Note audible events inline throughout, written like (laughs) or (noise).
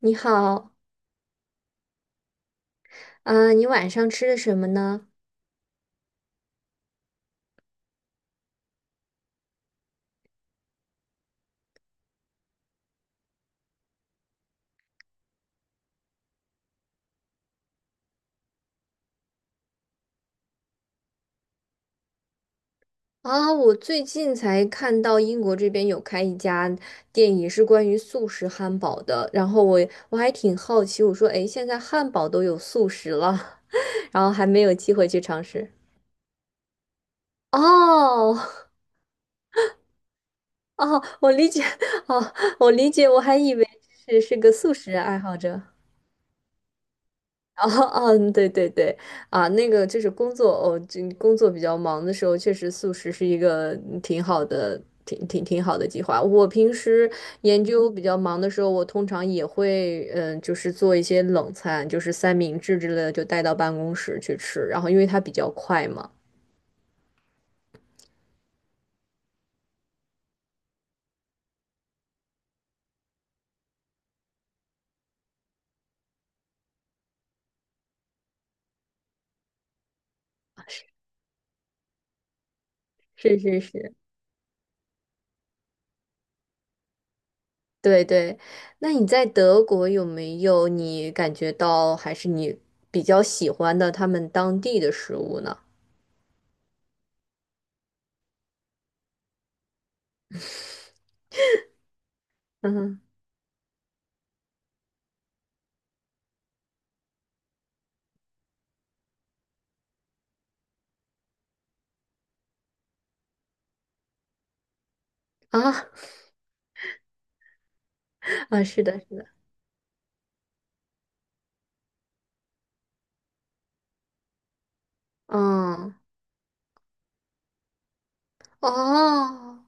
你好。啊，你晚上吃的什么呢？啊，我最近才看到英国这边有开一家店，也是关于素食汉堡的。然后我还挺好奇，我说，诶，现在汉堡都有素食了，(laughs) 然后还没有机会去尝试。哦哦，我理解，(laughs) 哦，我理解，我还以为是个素食爱好者。哦，嗯，对对对。啊，那个就是工作哦，这工作比较忙的时候，确实素食是一个挺好的、挺好的计划。我平时研究比较忙的时候，我通常也会，就是做一些冷餐，就是三明治之类的，就带到办公室去吃。然后，因为它比较快嘛。(laughs) 是是是，对对。那你在德国有没有你感觉到还是你比较喜欢的他们当地的食物呢？(laughs) 嗯哼。啊。啊，是的，是的。嗯。哦，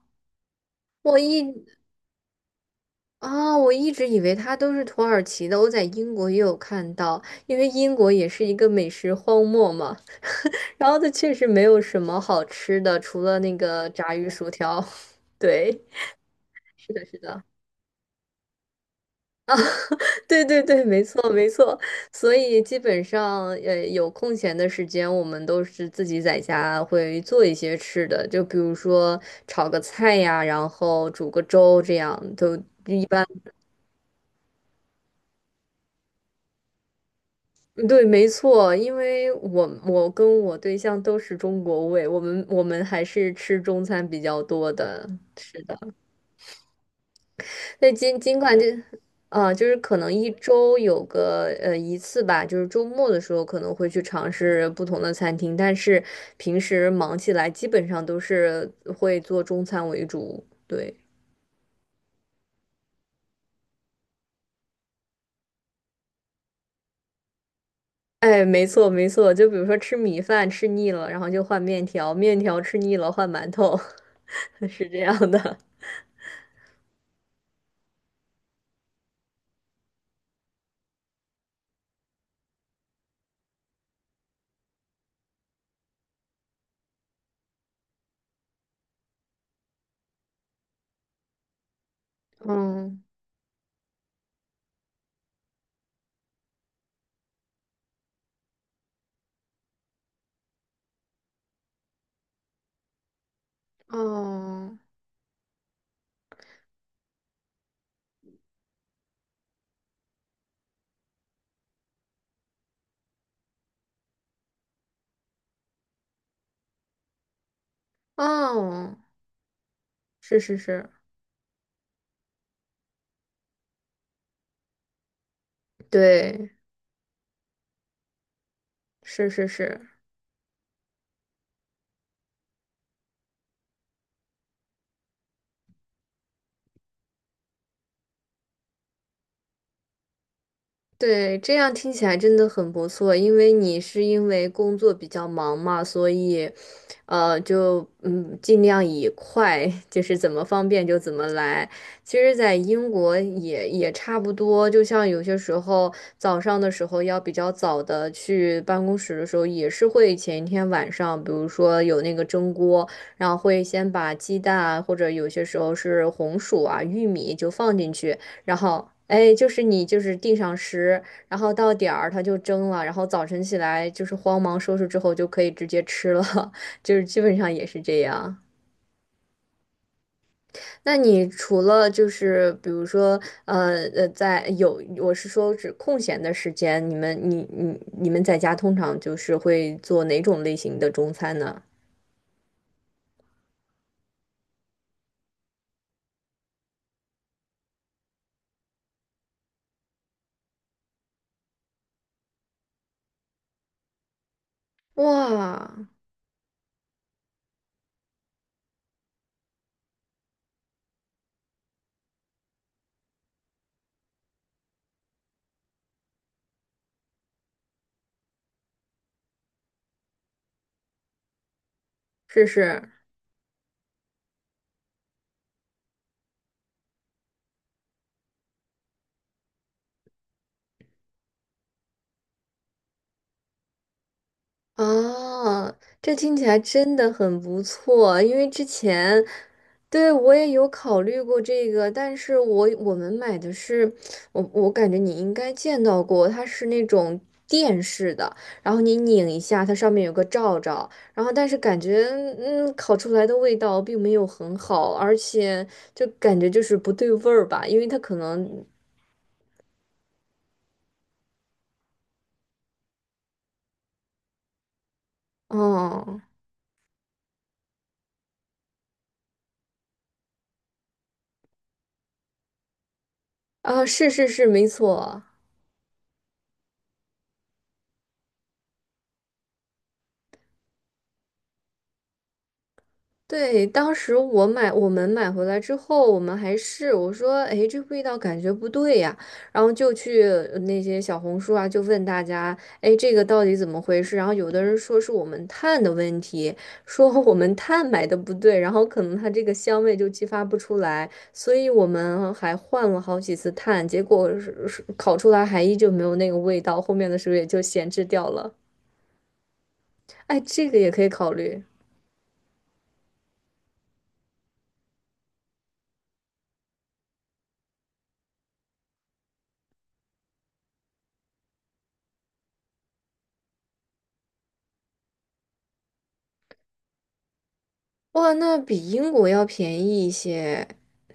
我一啊、我一直以为它都是土耳其的，我在英国也有看到，因为英国也是一个美食荒漠嘛。(laughs) 然后它确实没有什么好吃的，除了那个炸鱼薯条。(laughs) 对。是的，是的。(laughs) 对对对，没错没错。所以基本上，有空闲的时间，我们都是自己在家会做一些吃的，就比如说炒个菜呀，然后煮个粥，这样都对，没错。因为我跟我对象都是中国胃，我们还是吃中餐比较多的。那尽管就，啊，就是可能一周有个一次吧，就是周末的时候可能会去尝试不同的餐厅，但是平时忙起来基本上都是会做中餐为主。对。哎，没错没错，就比如说吃米饭吃腻了，然后就换面条，面条吃腻了换馒头，(laughs) 是这样的。嗯。哦。哦，是是是。对，是是是。对，这样听起来真的很不错，因为你是因为工作比较忙嘛，所以，就尽量以快，就是怎么方便就怎么来。其实，在英国也差不多，就像有些时候早上的时候要比较早的去办公室的时候，也是会前一天晚上，比如说有那个蒸锅，然后会先把鸡蛋啊或者有些时候是红薯啊、玉米就放进去。然后哎，你就是定上时，然后到点儿它就蒸了，然后早晨起来就是慌忙收拾之后就可以直接吃了，(laughs) 就是基本上也是这样。那你除了就是比如说在有我是说指空闲的时间，你们在家通常就是会做哪种类型的中餐呢？哇，试试。哦，这听起来真的很不错，因为之前，对，我也有考虑过这个，但是我们买的是，我感觉你应该见到过，它是那种电式的，然后你拧一下，它上面有个罩罩，然后但是感觉，嗯，烤出来的味道并没有很好，而且就感觉就是不对味儿吧，因为它可能，哦，啊，是是是，没错。对，当时我买，我们买回来之后，我们还试，我说，哎，这味道感觉不对呀，然后就去那些小红书啊，就问大家，哎，这个到底怎么回事？然后有的人说是我们碳的问题，说 (laughs) 我们碳买的不对，然后可能它这个香味就激发不出来，所以我们还换了好几次碳，结果是烤出来还依旧没有那个味道，后面的时候也就闲置掉了。哎，这个也可以考虑。哇，那比英国要便宜一些，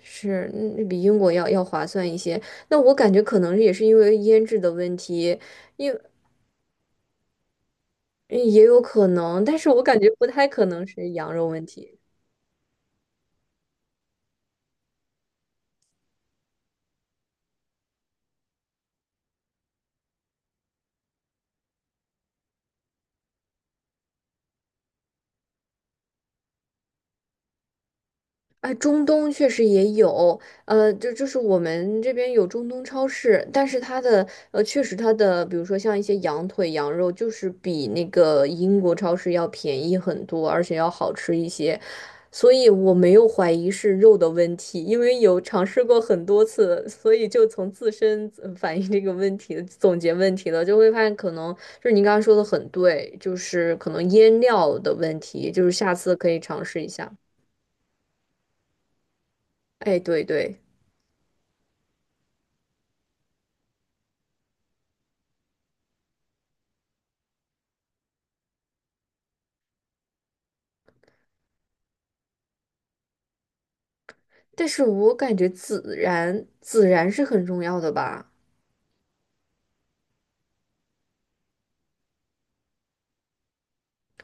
是，比英国要划算一些。那我感觉可能也是因为腌制的问题，嗯也有可能，但是我感觉不太可能是羊肉问题。哎，中东确实也有，就是我们这边有中东超市，但是它的确实它的，比如说像一些羊腿、羊肉，就是比那个英国超市要便宜很多，而且要好吃一些，所以我没有怀疑是肉的问题，因为有尝试过很多次，所以就从自身反映这个问题，总结问题了，就会发现可能就是您刚刚说的很对，就是可能腌料的问题，就是下次可以尝试一下。哎，对对。但是我感觉孜然，孜然是很重要的吧？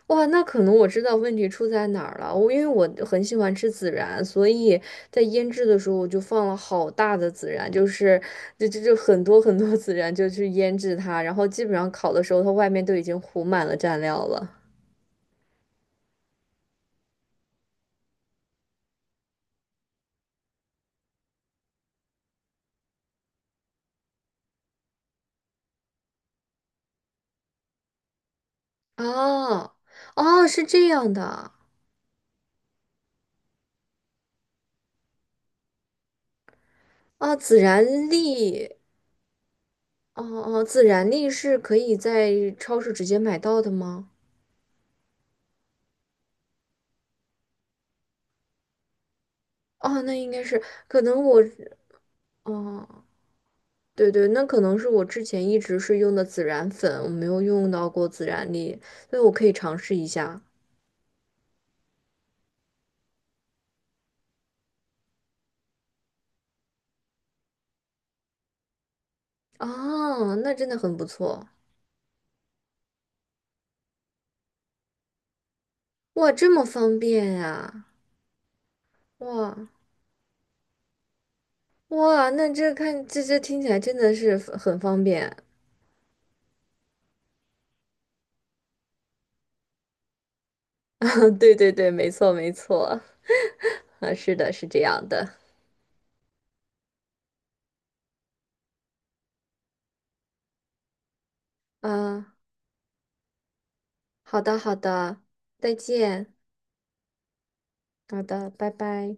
哇，那可能我知道问题出在哪儿了。我因为我很喜欢吃孜然，所以在腌制的时候我就放了好大的孜然，就是就就就很多很多孜然就去腌制它，然后基本上烤的时候它外面都已经糊满了蘸料了。哦，哦，是这样的。啊，孜然粒，哦哦，孜然粒是可以在超市直接买到的吗？哦，那应该是可能我。哦，对对，那可能是我之前一直是用的孜然粉，我没有用到过孜然粒，所以我可以尝试一下。哦，那真的很不错。哇，这么方便呀。哇哇，那这看这这听起来真的是很方便。 (laughs) 啊对对对，没错没错，(laughs) 啊，是的，是这样的。啊，好的好的，再见。好的，拜拜。